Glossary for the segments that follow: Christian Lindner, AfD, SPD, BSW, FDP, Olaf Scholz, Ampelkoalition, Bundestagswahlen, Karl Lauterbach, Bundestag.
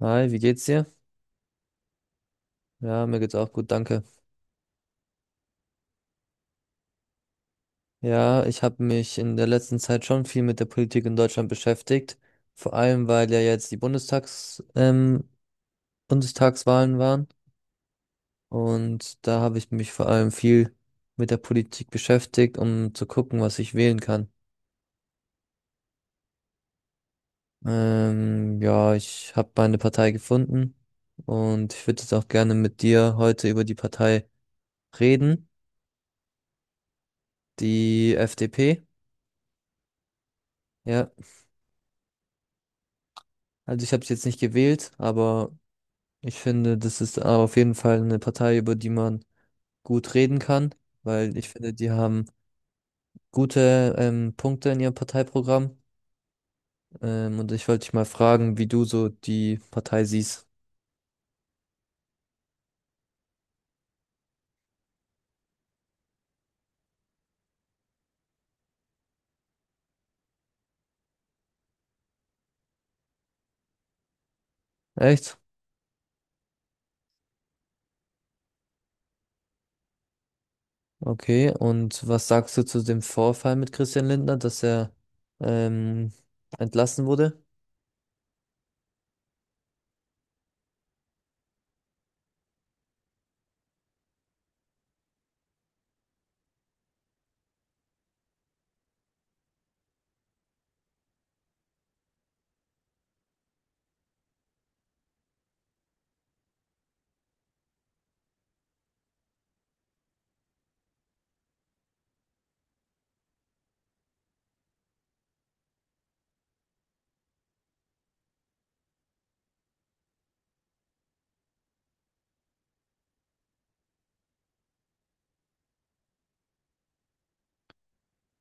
Hi, wie geht's dir? Ja, mir geht's auch gut, danke. Ja, ich habe mich in der letzten Zeit schon viel mit der Politik in Deutschland beschäftigt, vor allem weil ja jetzt die Bundestagswahlen waren und da habe ich mich vor allem viel mit der Politik beschäftigt, um zu gucken, was ich wählen kann. Ja, ich habe meine Partei gefunden und ich würde jetzt auch gerne mit dir heute über die Partei reden, die FDP. Ja, also ich habe sie jetzt nicht gewählt, aber ich finde, das ist auf jeden Fall eine Partei, über die man gut reden kann, weil ich finde, die haben gute Punkte in ihrem Parteiprogramm. Und ich wollte dich mal fragen, wie du so die Partei siehst. Echt? Okay. Und was sagst du zu dem Vorfall mit Christian Lindner, dass er ähm, entlassen wurde?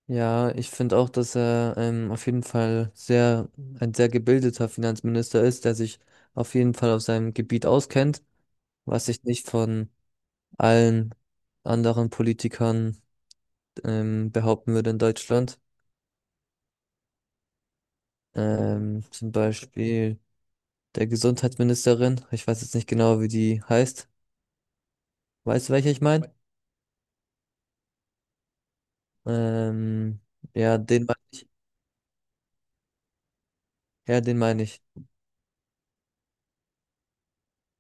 Ja, ich finde auch, dass er auf jeden Fall sehr, ein sehr gebildeter Finanzminister ist, der sich auf jeden Fall auf seinem Gebiet auskennt, was ich nicht von allen anderen Politikern behaupten würde in Deutschland. Zum Beispiel der Gesundheitsministerin. Ich weiß jetzt nicht genau, wie die heißt. Weißt du, welche ich meine? Ähm, ja, den meine ich. Ja, den meine ich.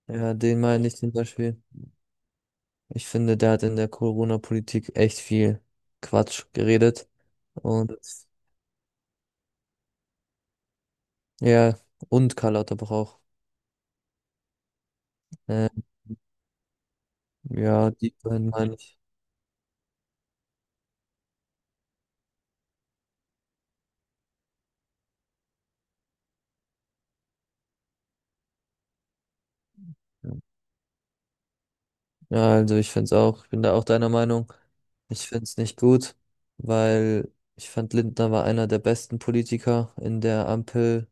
Ja, den meine ich zum Beispiel. Ich finde, der hat in der Corona-Politik echt viel Quatsch geredet. Und ja, und Karl Lauterbach auch. Ähm, ja, die beiden meine ich. Ja, also ich find's auch, ich bin da auch deiner Meinung. Ich find's nicht gut, weil ich fand Lindner war einer der besten Politiker in der Ampelkoalition.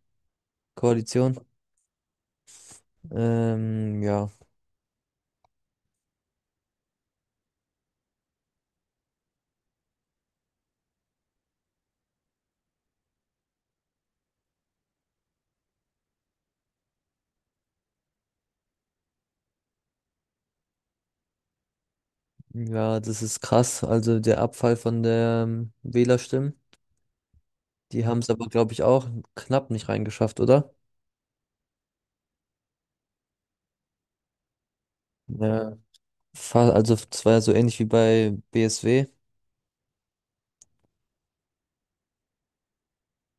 Ähm, ja, ja, das ist krass. Also der Abfall von der Wählerstimmen, die haben es aber, glaube ich, auch knapp nicht reingeschafft, oder? Ja, also es war ja so ähnlich wie bei BSW.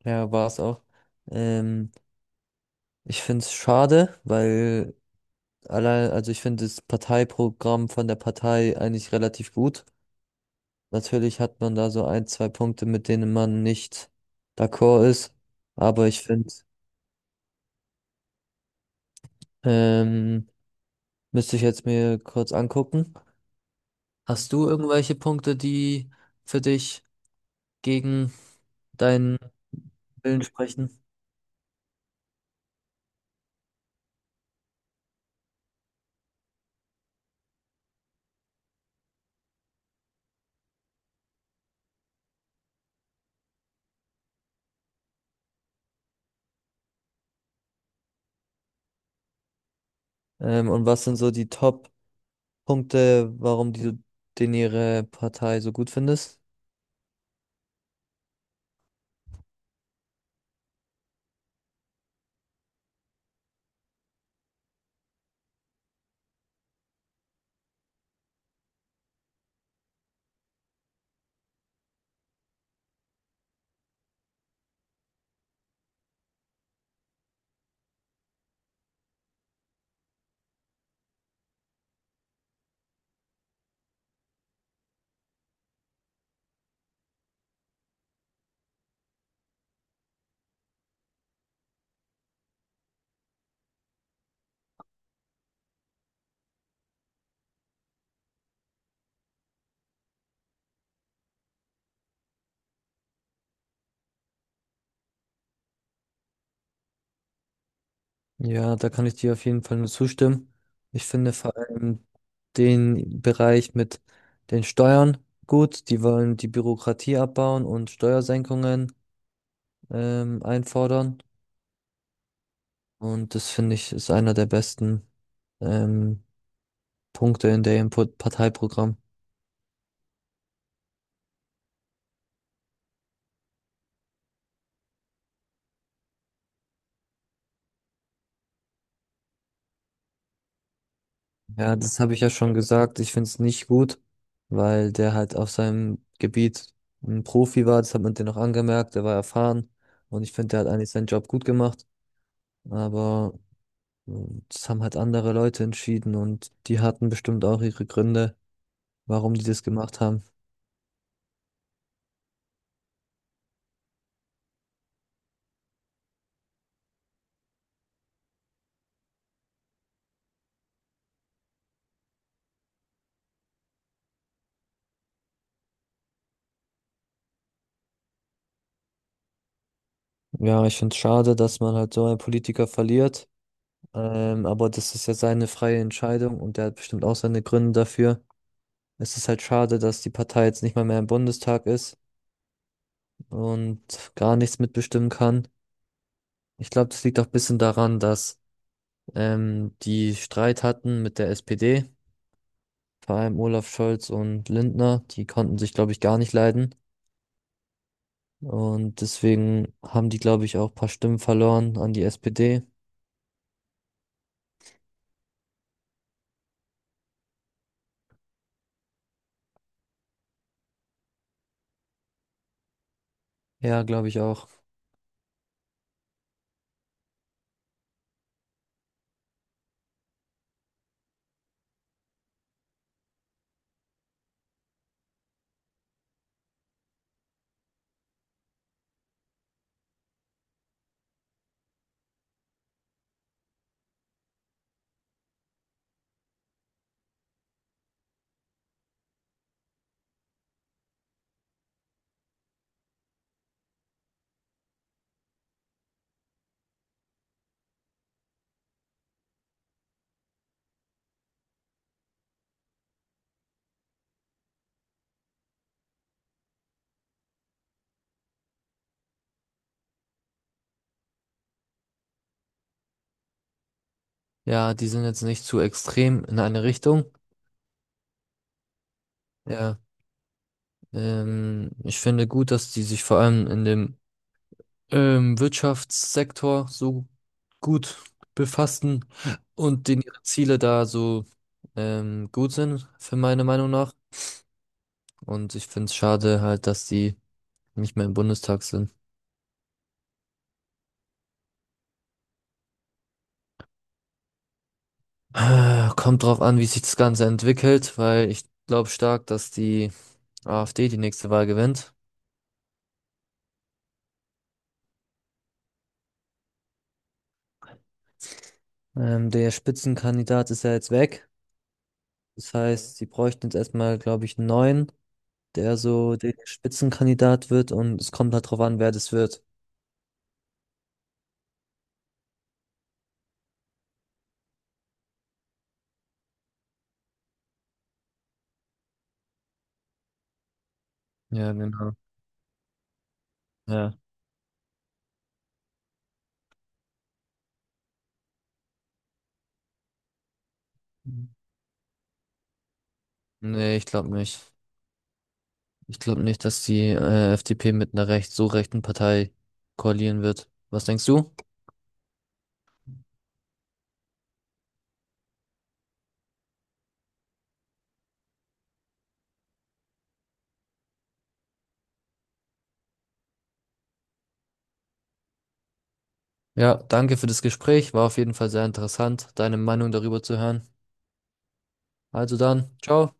Ja, war's auch. Ähm, ich find's schade, weil allein, also ich finde das Parteiprogramm von der Partei eigentlich relativ gut. Natürlich hat man da so ein, zwei Punkte, mit denen man nicht d'accord ist. Aber ich finde, ähm, müsste ich jetzt mir kurz angucken. Hast du irgendwelche Punkte, die für dich gegen deinen Willen sprechen? Und was sind so die Top-Punkte, warum den ihre Partei so gut findest? Ja, da kann ich dir auf jeden Fall nur zustimmen. Ich finde vor allem den Bereich mit den Steuern gut. Die wollen die Bürokratie abbauen und Steuersenkungen einfordern. Und das finde ich ist einer der besten ähm, Punkte in der Input Parteiprogramm. Ja, das habe ich ja schon gesagt. Ich finde es nicht gut, weil der halt auf seinem Gebiet ein Profi war. Das hat man dir noch angemerkt. Der war erfahren und ich finde, der hat eigentlich seinen Job gut gemacht. Aber und das haben halt andere Leute entschieden und die hatten bestimmt auch ihre Gründe, warum die das gemacht haben. Ja, ich finde es schade, dass man halt so einen Politiker verliert. Aber das ist ja seine freie Entscheidung und der hat bestimmt auch seine Gründe dafür. Es ist halt schade, dass die Partei jetzt nicht mal mehr im Bundestag ist und gar nichts mitbestimmen kann. Ich glaube, das liegt auch ein bisschen daran, dass die Streit hatten mit der SPD, vor allem Olaf Scholz und Lindner. Die konnten sich, glaube ich, gar nicht leiden. Und deswegen haben die, glaube ich, auch ein paar Stimmen verloren an die SPD. Ja, glaube ich auch. Ja, die sind jetzt nicht zu extrem in eine Richtung. Ja, ich finde gut, dass die sich vor allem in dem Wirtschaftssektor so gut befassen und denen ihre Ziele da so gut sind, für meine Meinung nach. Und ich finde es schade halt, dass die nicht mehr im Bundestag sind. Kommt drauf an, wie sich das Ganze entwickelt, weil ich glaube stark, dass die AfD die nächste Wahl gewinnt. Der Spitzenkandidat ist ja jetzt weg. Das Mhm. heißt, sie bräuchten jetzt erstmal, glaube ich, einen neuen, der so der Spitzenkandidat wird und es kommt halt drauf an, wer das wird. Ja, genau. Ja. Nee, ich glaube nicht. Ich glaube nicht, dass die FDP mit einer recht, so rechten Partei koalieren wird. Was denkst du? Ja, danke für das Gespräch. War auf jeden Fall sehr interessant, deine Meinung darüber zu hören. Also dann, ciao.